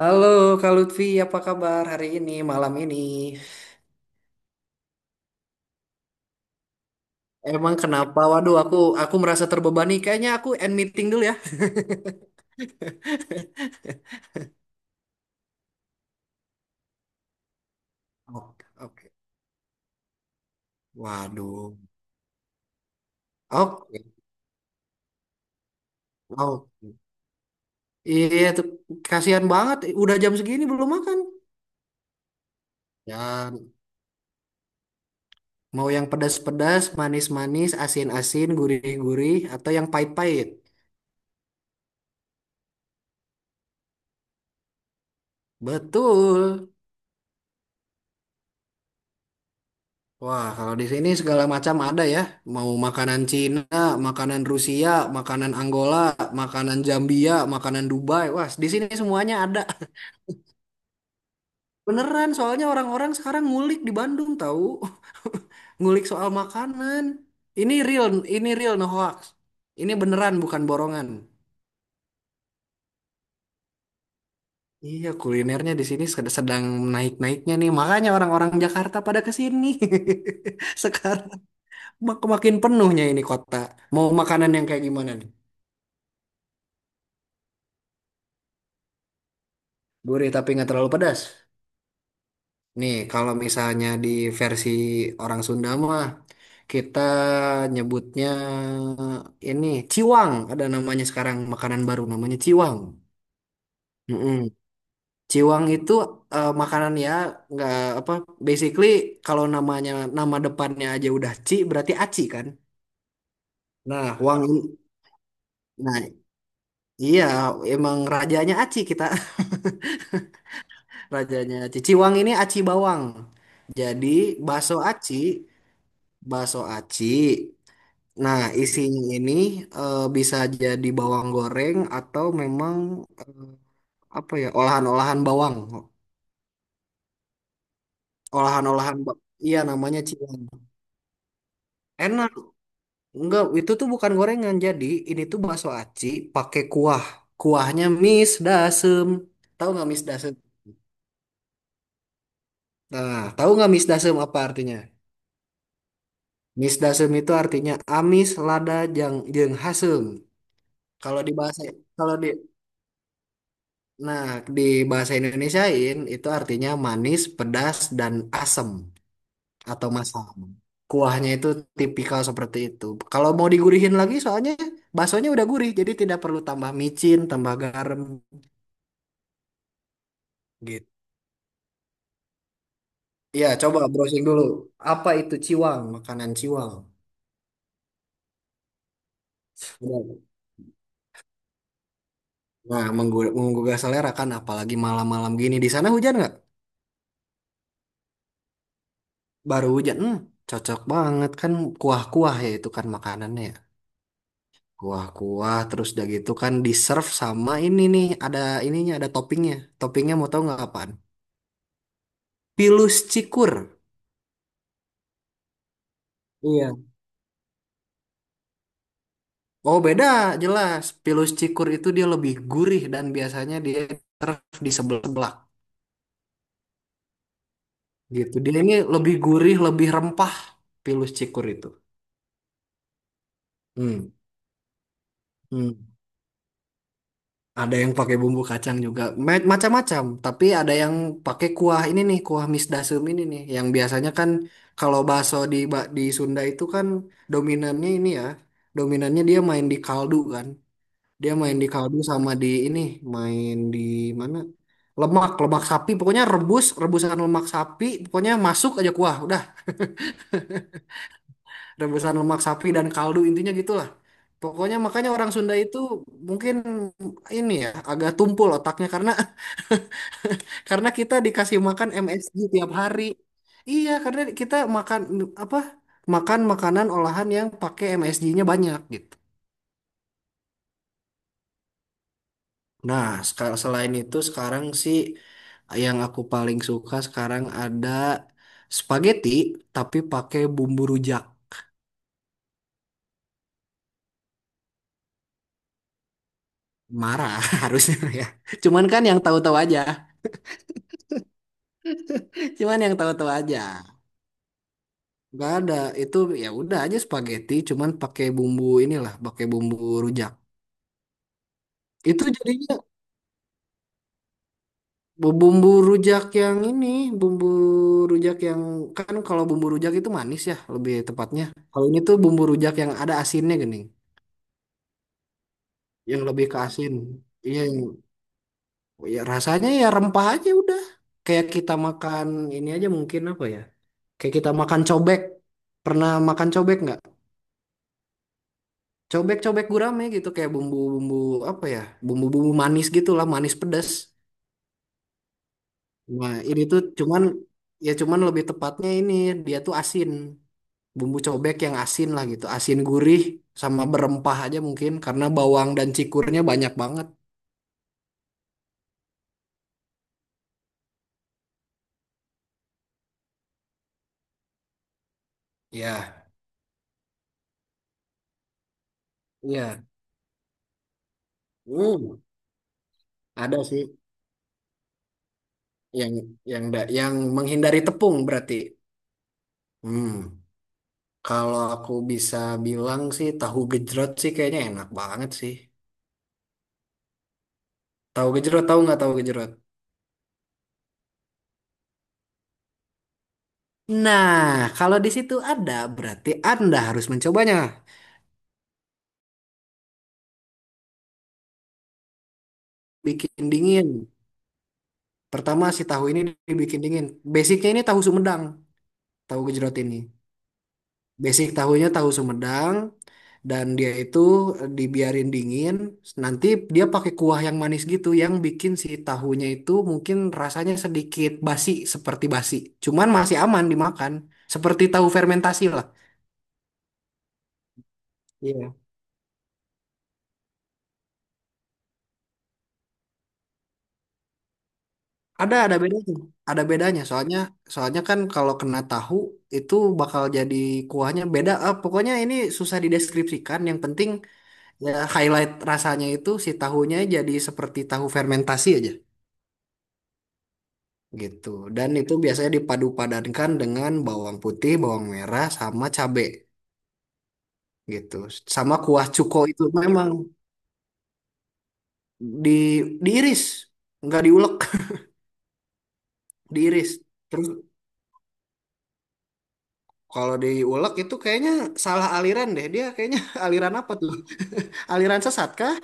Halo Kak Lutfi, apa kabar hari ini, malam ini? Emang kenapa? Waduh, aku merasa terbebani. Kayaknya aku end meeting dulu ya. Oke, oke. Waduh. Oke, oke. Iya, tuh kasihan banget. Udah jam segini belum makan. Ya, mau yang pedas-pedas, manis-manis, asin-asin, gurih-gurih, atau yang pahit-pahit. Betul. Wah, kalau di sini segala macam ada ya. Mau makanan Cina, makanan Rusia, makanan Angola, makanan Zambia, makanan Dubai. Wah, di sini semuanya ada. Beneran, soalnya orang-orang sekarang ngulik di Bandung tahu. Ngulik soal makanan. Ini real, ini real no hoax. Ini beneran bukan borongan. Iya, kulinernya di sini sedang naik-naiknya nih. Makanya orang-orang Jakarta pada ke sini. Sekarang makin penuhnya ini kota. Mau makanan yang kayak gimana nih? Gurih tapi nggak terlalu pedas. Nih, kalau misalnya di versi orang Sunda mah kita nyebutnya ini ciwang. Ada namanya sekarang makanan baru namanya ciwang. Mm-mm. Ciwang itu makanan ya nggak apa basically kalau namanya nama depannya aja udah ci berarti aci kan. Nah, wang nah iya emang rajanya aci kita. Rajanya aci. Ciwang ini aci bawang. Jadi bakso aci. Bakso aci. Nah, isinya ini bisa jadi bawang goreng atau memang eh, apa ya, olahan-olahan bawang. Olahan-olahan ba- Iya, namanya cilan. Enak. Enggak, itu tuh bukan gorengan. Jadi, ini tuh bakso aci pakai kuah. Kuahnya mis dasem. Tahu nggak mis dasem? Nah, tahu nggak mis dasem apa artinya? Mis dasem itu artinya amis lada jang jeung hasem. Kalau di bahasa kalau di Nah, di bahasa Indonesiain itu artinya manis, pedas, dan asem atau masam. Kuahnya itu tipikal seperti itu. Kalau mau digurihin lagi, soalnya baksonya udah gurih, jadi tidak perlu tambah micin, tambah garam gitu. Iya, coba browsing dulu. Apa itu ciwang? Makanan ciwang. Benar. Nah, menggugah selera kan, apalagi malam-malam gini. Di sana hujan nggak? Baru hujan. Hmm, cocok banget kan kuah-kuah ya itu kan makanannya. Kuah-kuah terus udah gitu kan di serve sama ini nih ada ininya ada toppingnya. Toppingnya mau tahu nggak apaan? Pilus cikur. Iya. Oh beda jelas. Pilus cikur itu dia lebih gurih dan biasanya dia serve di sebelah-sebelah gitu. Dia ini lebih gurih, lebih rempah pilus cikur itu. Hmm. Hmm. Ada yang pakai bumbu kacang juga, macam-macam. Tapi ada yang pakai kuah ini nih, kuah mis dasem ini nih, yang biasanya kan kalau bakso di Sunda itu kan dominannya ini ya, dominannya dia main di kaldu kan, dia main di kaldu sama di ini, main di mana? Lemak, lemak sapi, pokoknya rebus, rebusan lemak sapi, pokoknya masuk aja kuah, udah rebusan lemak sapi dan kaldu intinya gitulah. Pokoknya makanya orang Sunda itu mungkin ini ya agak tumpul otaknya karena Karena kita dikasih makan MSG tiap hari. Iya, karena kita makan apa? Makan makanan olahan yang pakai MSG-nya banyak gitu. Nah, selain itu sekarang sih yang aku paling suka sekarang ada spaghetti tapi pakai bumbu rujak. Marah harusnya ya. Cuman kan yang tahu-tahu aja. Cuman yang tahu-tahu aja. Gak ada itu ya udah aja spaghetti cuman pakai bumbu inilah, pakai bumbu rujak. Itu jadinya Bumbu rujak yang ini, bumbu rujak yang kan kalau bumbu rujak itu manis ya, lebih tepatnya. Kalau ini tuh bumbu rujak yang ada asinnya gini, yang lebih ke asin. Iya, yang, ya rasanya ya rempah aja udah. Kayak kita makan ini aja mungkin apa ya? Kayak kita makan cobek. Pernah makan cobek nggak? Cobek-cobek gurame gitu kayak bumbu-bumbu apa ya? Bumbu-bumbu manis gitu lah, manis pedas. Nah, ini tuh cuman ya cuman lebih tepatnya ini dia tuh asin. Bumbu cobek yang asin lah gitu, asin gurih sama berempah aja mungkin karena bawang dan cikurnya banyak banget. Ya, ya. Hmm, ada sih yang yang menghindari tepung berarti. Hmm, kalau aku bisa bilang sih tahu gejrot sih kayaknya enak banget sih. Tahu gejrot tahu nggak tahu gejrot? Nah, kalau di situ ada, berarti Anda harus mencobanya. Bikin dingin. Pertama si tahu ini dibikin dingin. Basicnya ini tahu Sumedang, tahu gejrot ini. Basic tahunya tahu Sumedang dan dia itu dibiarin dingin. Nanti dia pakai kuah yang manis gitu yang bikin si tahunya itu mungkin rasanya sedikit basi seperti basi. Cuman masih aman dimakan. Seperti tahu fermentasi lah. Iya. Ada bedanya. Ada bedanya. Soalnya soalnya kan kalau kena tahu itu bakal jadi kuahnya beda. Ah, pokoknya ini susah dideskripsikan. Yang penting ya highlight rasanya itu si tahunya jadi seperti tahu fermentasi aja. Gitu. Dan itu biasanya dipadu-padankan dengan bawang putih, bawang merah, sama cabe gitu. Sama kuah cuko itu memang di diiris, nggak diulek, diiris. Terus kalau diulek itu kayaknya salah aliran deh. Dia kayaknya aliran apa tuh? Aliran sesat kah?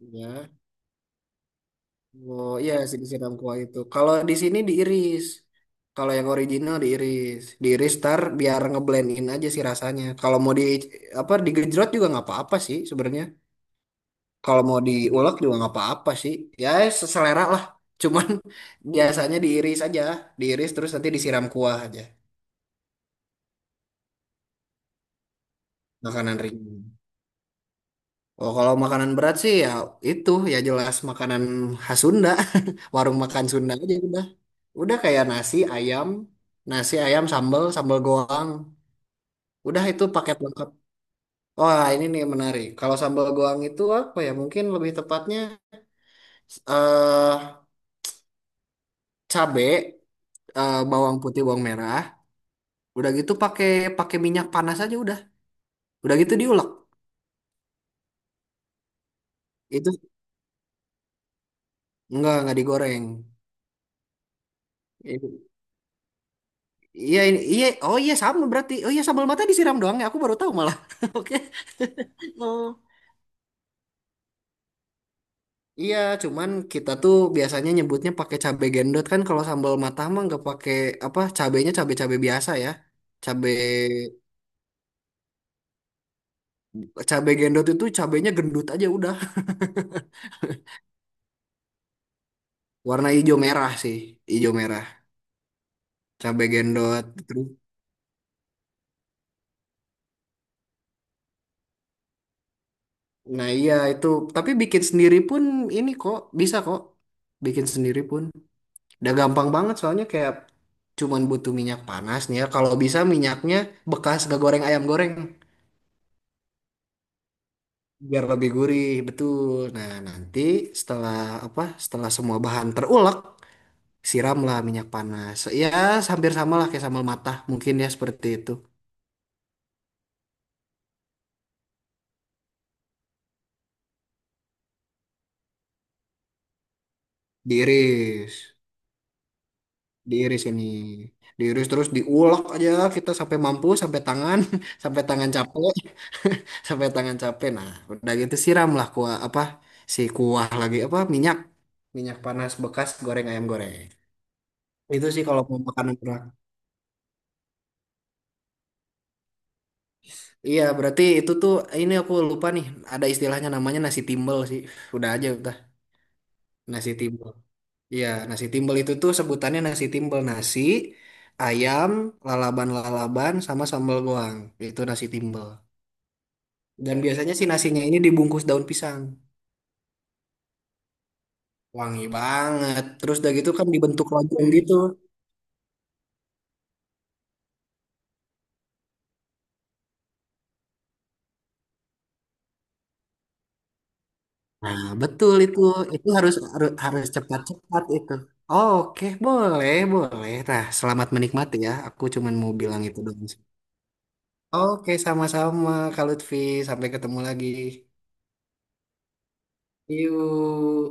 Ya. Oh iya sih disiram kuah itu. Kalau di sini diiris. Kalau yang original diiris, diiris tar biar ngeblendin aja sih rasanya. Kalau mau di apa digejrot juga nggak apa-apa sih sebenarnya. Kalau mau diulek juga nggak apa-apa sih ya seselera lah cuman biasanya diiris aja diiris terus nanti disiram kuah aja makanan ringan. Oh kalau makanan berat sih ya itu ya jelas makanan khas Sunda warung makan Sunda aja udah kayak nasi ayam sambal sambal goang udah itu paket lengkap. Wah ini nih menarik kalau sambal goang itu apa ya mungkin lebih tepatnya eh cabe bawang putih bawang merah. Udah gitu pakai pakai minyak panas aja udah. Udah gitu diulek. Itu enggak digoreng. Ini- Iya ini iya oh iya sama berarti. Oh iya sambal mata disiram doang ya. Aku baru tahu malah. Oke. Oh. Iya, cuman kita tuh biasanya nyebutnya pakai cabe gendot kan kalau sambal mata mah nggak pakai apa cabenya cabe-cabe biasa ya. Cabe cabe gendot itu cabenya gendut aja udah. Warna hijau merah sih, hijau merah. Cabe gendot. Nah iya itu, tapi bikin sendiri pun ini kok bisa kok, bikin sendiri pun. Udah gampang banget soalnya kayak cuman butuh minyak panas nih ya. Kalau bisa minyaknya bekas gak goreng ayam goreng biar lebih gurih betul. Nah nanti setelah apa? Setelah semua bahan terulek, siramlah minyak panas. Ya hampir sama lah kayak sambal matah mungkin ya seperti itu. Diiris, diiris ini, diiris terus diulek aja kita sampai mampu sampai tangan sampai tangan capek sampai tangan capek nah udah gitu siramlah kuah apa si kuah lagi apa minyak minyak panas bekas goreng ayam goreng itu sih kalau mau makanan berat iya berarti itu tuh ini aku lupa nih ada istilahnya namanya nasi timbel sih udah aja udah nasi timbel iya nasi timbel itu tuh sebutannya nasi timbel nasi ayam lalaban-lalaban sama sambal goang itu nasi timbel dan biasanya sih nasinya ini dibungkus daun pisang wangi banget terus udah gitu kan dibentuk lonjong gitu. Nah, betul itu. Itu harus harus, harus cepat-cepat itu. Oke, boleh, boleh. Nah, selamat menikmati ya. Aku cuman mau bilang itu dong. Oke, sama-sama Kak Lutfi. Sampai ketemu lagi. Yuk.